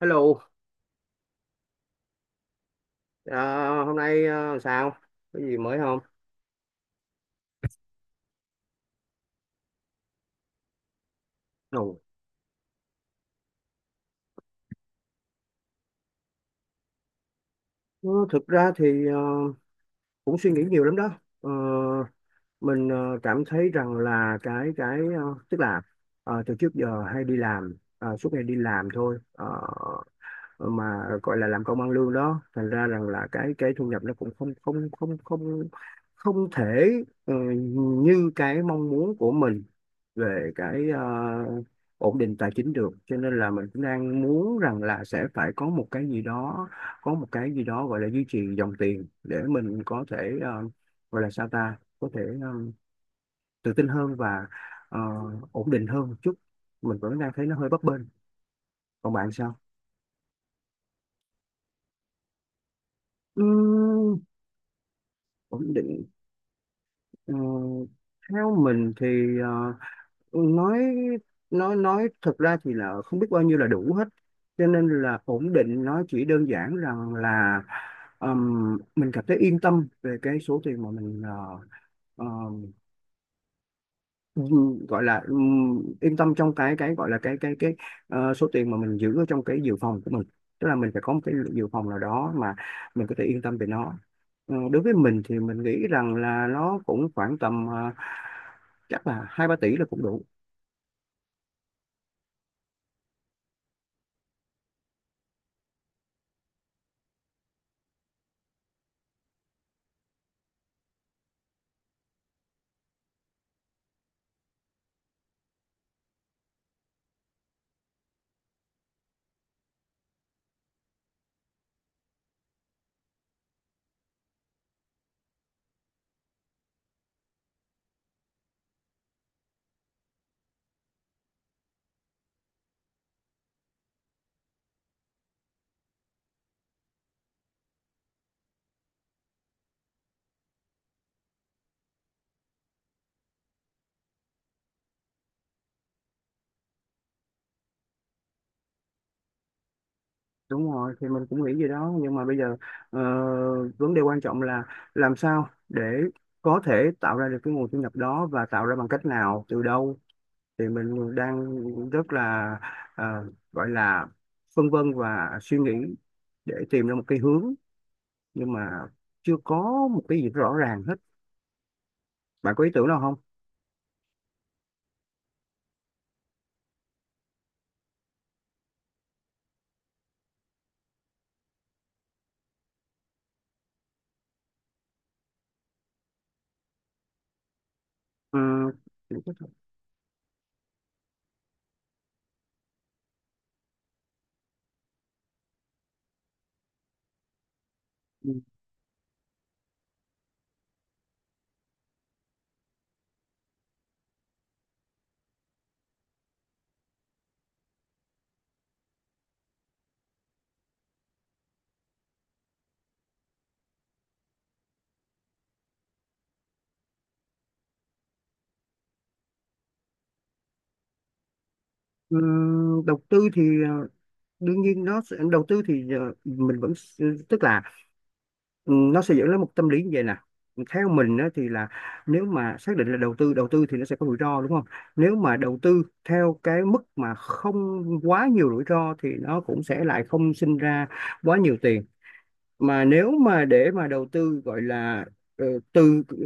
Hello. Hôm nay sao? Có gì mới không? Ồ. ờ, Thực ra thì cũng suy nghĩ nhiều lắm đó. Ờ, mình cảm thấy rằng là cái tức là từ trước giờ hay đi làm, suốt ngày đi làm thôi. Ờ, mà gọi là làm công ăn lương đó, thành ra rằng là cái thu nhập nó cũng không không không không không thể ờ, như cái mong muốn của mình về cái ổn định tài chính được, cho nên là mình cũng đang muốn rằng là sẽ phải có một cái gì đó, có một cái gì đó gọi là duy trì dòng tiền để mình có thể ờ, gọi là sao ta, có thể tự tin hơn và ờ, ổn định hơn một chút. Mình vẫn đang thấy nó hơi bấp bênh. Còn bạn sao? Ừm. Ổn định. Ờ, Theo mình thì nói nói thực ra thì là không biết bao nhiêu là đủ hết, cho nên là ổn định nó chỉ đơn giản rằng là mình cảm thấy yên tâm về cái số tiền mà mình ờ, gọi là yên tâm trong cái gọi là cái số tiền mà mình giữ ở trong cái dự phòng của mình. Tức là mình phải có một cái dự phòng nào đó mà mình có thể yên tâm về nó. Đối với mình thì mình nghĩ rằng là nó cũng khoảng tầm chắc là 2-3 tỷ là cũng đủ. Đúng rồi, thì mình cũng nghĩ gì đó, nhưng mà bây giờ ờ, vấn đề quan trọng là làm sao để có thể tạo ra được cái nguồn thu nhập đó, và tạo ra bằng cách nào, từ đâu. Thì mình đang rất là ờ, gọi là phân vân và suy nghĩ để tìm ra một cái hướng, nhưng mà chưa có một cái gì rõ ràng hết. Bạn có ý tưởng nào không? Ừ. Đầu tư thì đương nhiên nó sẽ- đầu tư thì mình vẫn s- tức là nó sẽ dẫn đến một tâm lý như vậy nè. Theo mình á, thì là nếu mà xác định là đầu tư thì nó sẽ có rủi ro đúng không? Nếu mà đầu tư theo cái mức mà không quá nhiều rủi ro thì nó cũng sẽ lại không sinh ra quá nhiều tiền. Mà nếu mà để mà đầu tư gọi là ờ, từ ờ,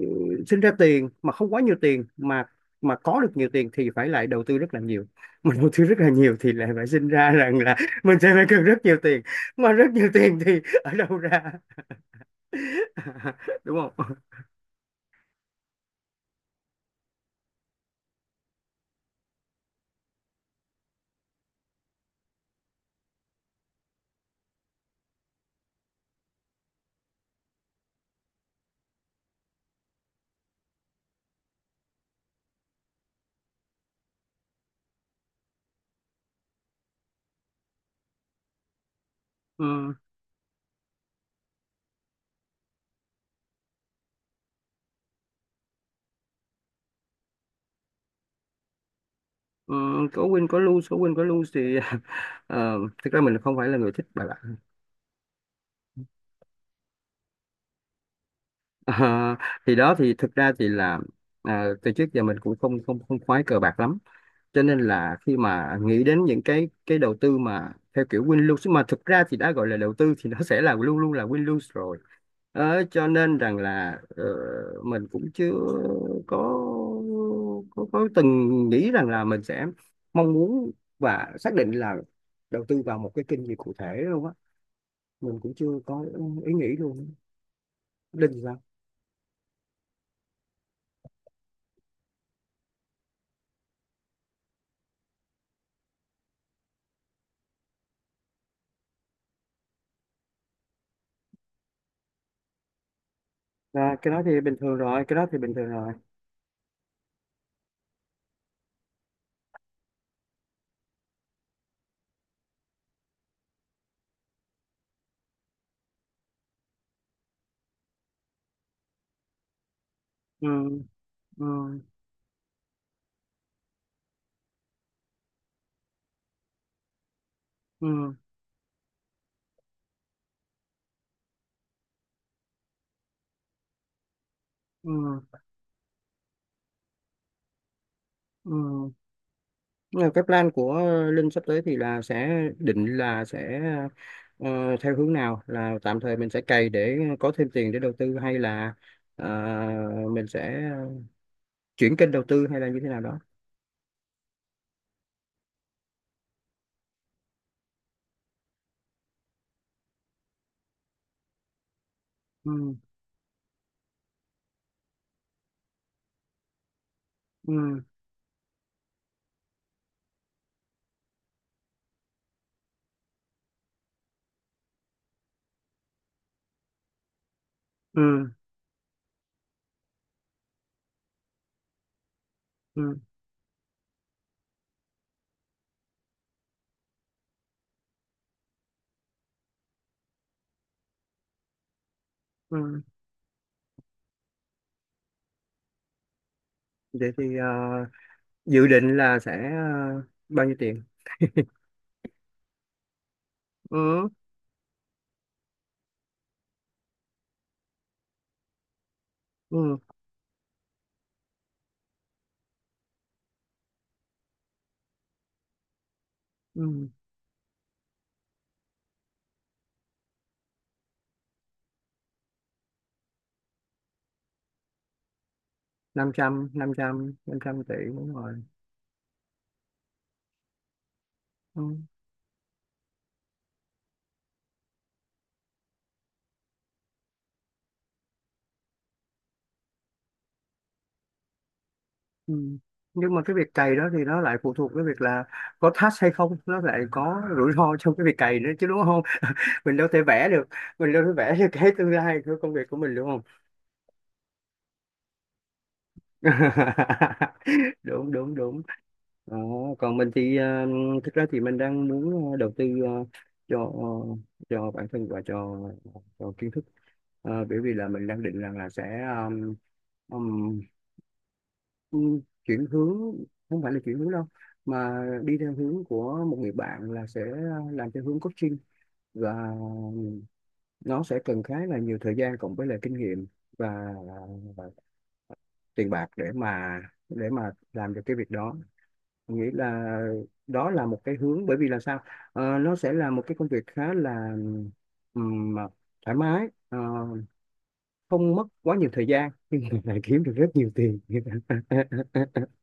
sinh ra tiền mà không quá nhiều tiền, mà có được nhiều tiền thì phải lại đầu tư rất là nhiều, mà đầu tư rất là nhiều thì lại phải sinh ra rằng là mình sẽ phải cần rất nhiều tiền, mà rất nhiều tiền thì ở đâu ra, đúng không? Ừ. Ừ. Có win có lose, có win có lose thì thực ra mình không phải là người thích bài bạc. Ờ, thì đó, thì thực ra thì là từ trước giờ mình cũng không không không khoái cờ bạc lắm, cho nên là khi mà nghĩ đến những cái đầu tư mà theo kiểu win lose, mà thực ra thì đã gọi là đầu tư thì nó sẽ là luôn luôn là win lose rồi. Cho nên rằng là mình cũng chưa có, có từng nghĩ rằng là mình sẽ mong muốn và xác định là đầu tư vào một cái kênh gì cụ thể đâu á. Mình cũng chưa có ý nghĩ luôn. Linh thì? Dạ, cái đó thì bình thường rồi, cái đó thì bình thường rồi. Ừ, ừ, ừ, ừ, ừ. Nhưng mà cái plan của Linh sắp tới thì là sẽ định là sẽ theo hướng nào, là tạm thời mình sẽ cày để có thêm tiền để đầu tư, hay là ờ, mình sẽ chuyển kênh đầu tư, hay là như thế nào đó. Ừ, ừ, ừ, ừ, ừ. Vậy thì dự định là sẽ bao nhiêu tiền? Ừ, ừ, ừ. Năm trăm 500 tỷ, đúng rồi. Ừ. Ừ. Nhưng mà cái việc cày đó thì nó lại phụ thuộc cái việc là có task hay không, nó lại có rủi ro trong cái việc cày nữa chứ, đúng không? Mình đâu thể vẽ được, mình đâu thể vẽ được cái tương lai của công việc của mình đúng không? Đúng đúng đúng. Ờ, Còn mình thì thực ra thì mình đang muốn đầu tư cho cho bản thân và cho kiến thức. Bởi vì là mình đang định rằng là sẽ ờ, chuyển hướng, không phải là chuyển hướng đâu, mà đi theo hướng của một người bạn, là sẽ làm theo hướng coaching. Và nó sẽ cần khá là nhiều thời gian, cộng với lại kinh nghiệm và, và tiền bạc để mà, để mà làm được cái việc đó. Mình nghĩ là đó là một cái hướng, bởi vì là sao? Nó sẽ là một cái công việc khá là ừm, thoải mái, không mất quá nhiều thời gian, lại kiếm được rất nhiều tiền.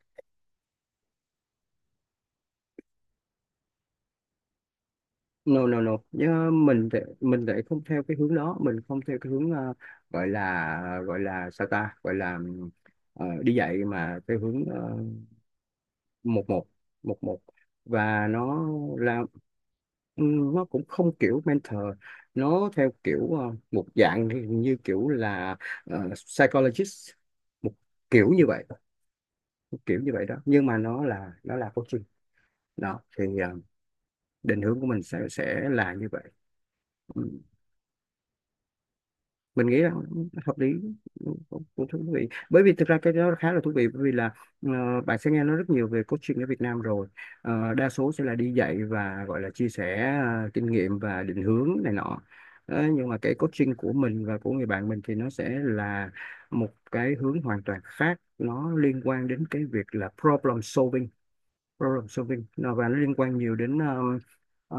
No no no. Nhớ mình thì, mình lại không theo cái hướng đó. Mình không theo cái hướng gọi là sao ta, gọi là đi dạy mà theo hướng một một một một và nó là nó cũng không kiểu mentor. Nó theo kiểu một dạng thì như kiểu là psychologist, một kiểu như vậy, một kiểu như vậy đó. Nhưng mà nó là, nó là coaching đó. Thì định hướng của mình sẽ là như vậy. Ừ. Mình nghĩ rằng hợp lý. Ừ, cũng cũng thú vị, bởi vì thực ra cái đó khá là thú vị, bởi vì là bạn sẽ nghe nói rất nhiều về coaching ở Việt Nam rồi. Đa số sẽ là đi dạy và gọi là chia sẻ kinh nghiệm và định hướng này nọ. Nhưng mà cái coaching của mình và của người bạn mình thì nó sẽ là một cái hướng hoàn toàn khác. Nó liên quan đến cái việc là problem solving. Và nó liên quan nhiều đến ờ,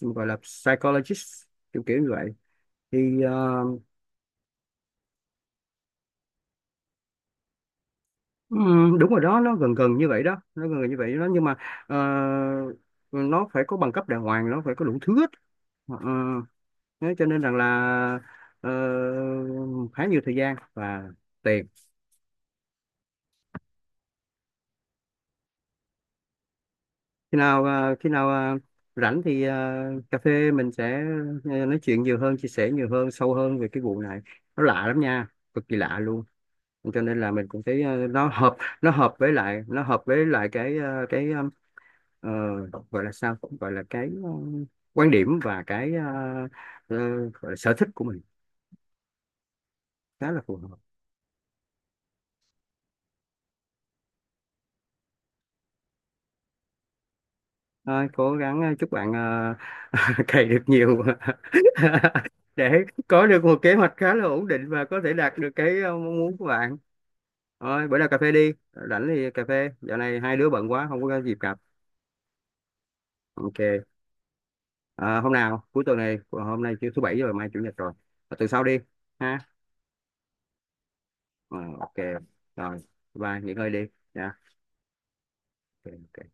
gọi là psychologist, kiểu kiểu như vậy. Thì Ừ, đúng rồi đó, nó gần gần như vậy đó, nó gần gần như vậy đó. Nhưng mà ờ, nó phải có bằng cấp đàng hoàng, nó phải có đủ thứ hết. Ờ, ờ, Thế cho nên rằng là ờ, khá nhiều thời gian và tiền. Khi nào khi nào rảnh thì cà phê mình sẽ nói chuyện nhiều hơn, chia sẻ nhiều hơn, sâu hơn về cái vụ này. Nó lạ lắm nha, cực kỳ lạ luôn. Cho nên là mình cũng thấy nó hợp. Nó hợp với lại Nó hợp với lại cái cái ờ, gọi là sao, gọi là cái quan điểm và cái ờ, gọi là sở thích của mình, khá là phù hợp. Thôi, cố gắng chúc bạn cày được nhiều, để có được một kế hoạch khá là ổn định và có thể đạt được cái mong muốn của bạn. Thôi, bữa nào cà phê đi, rảnh thì cà phê. Dạo này hai đứa bận quá không có dịp gặp. Ok. Ờ, Hôm nào cuối tuần này, hôm nay thứ bảy rồi, mai chủ nhật rồi, từ sau đi ha. Ờ, ok. Rồi, bye, nghỉ ngơi đi nha. Ok. Ok.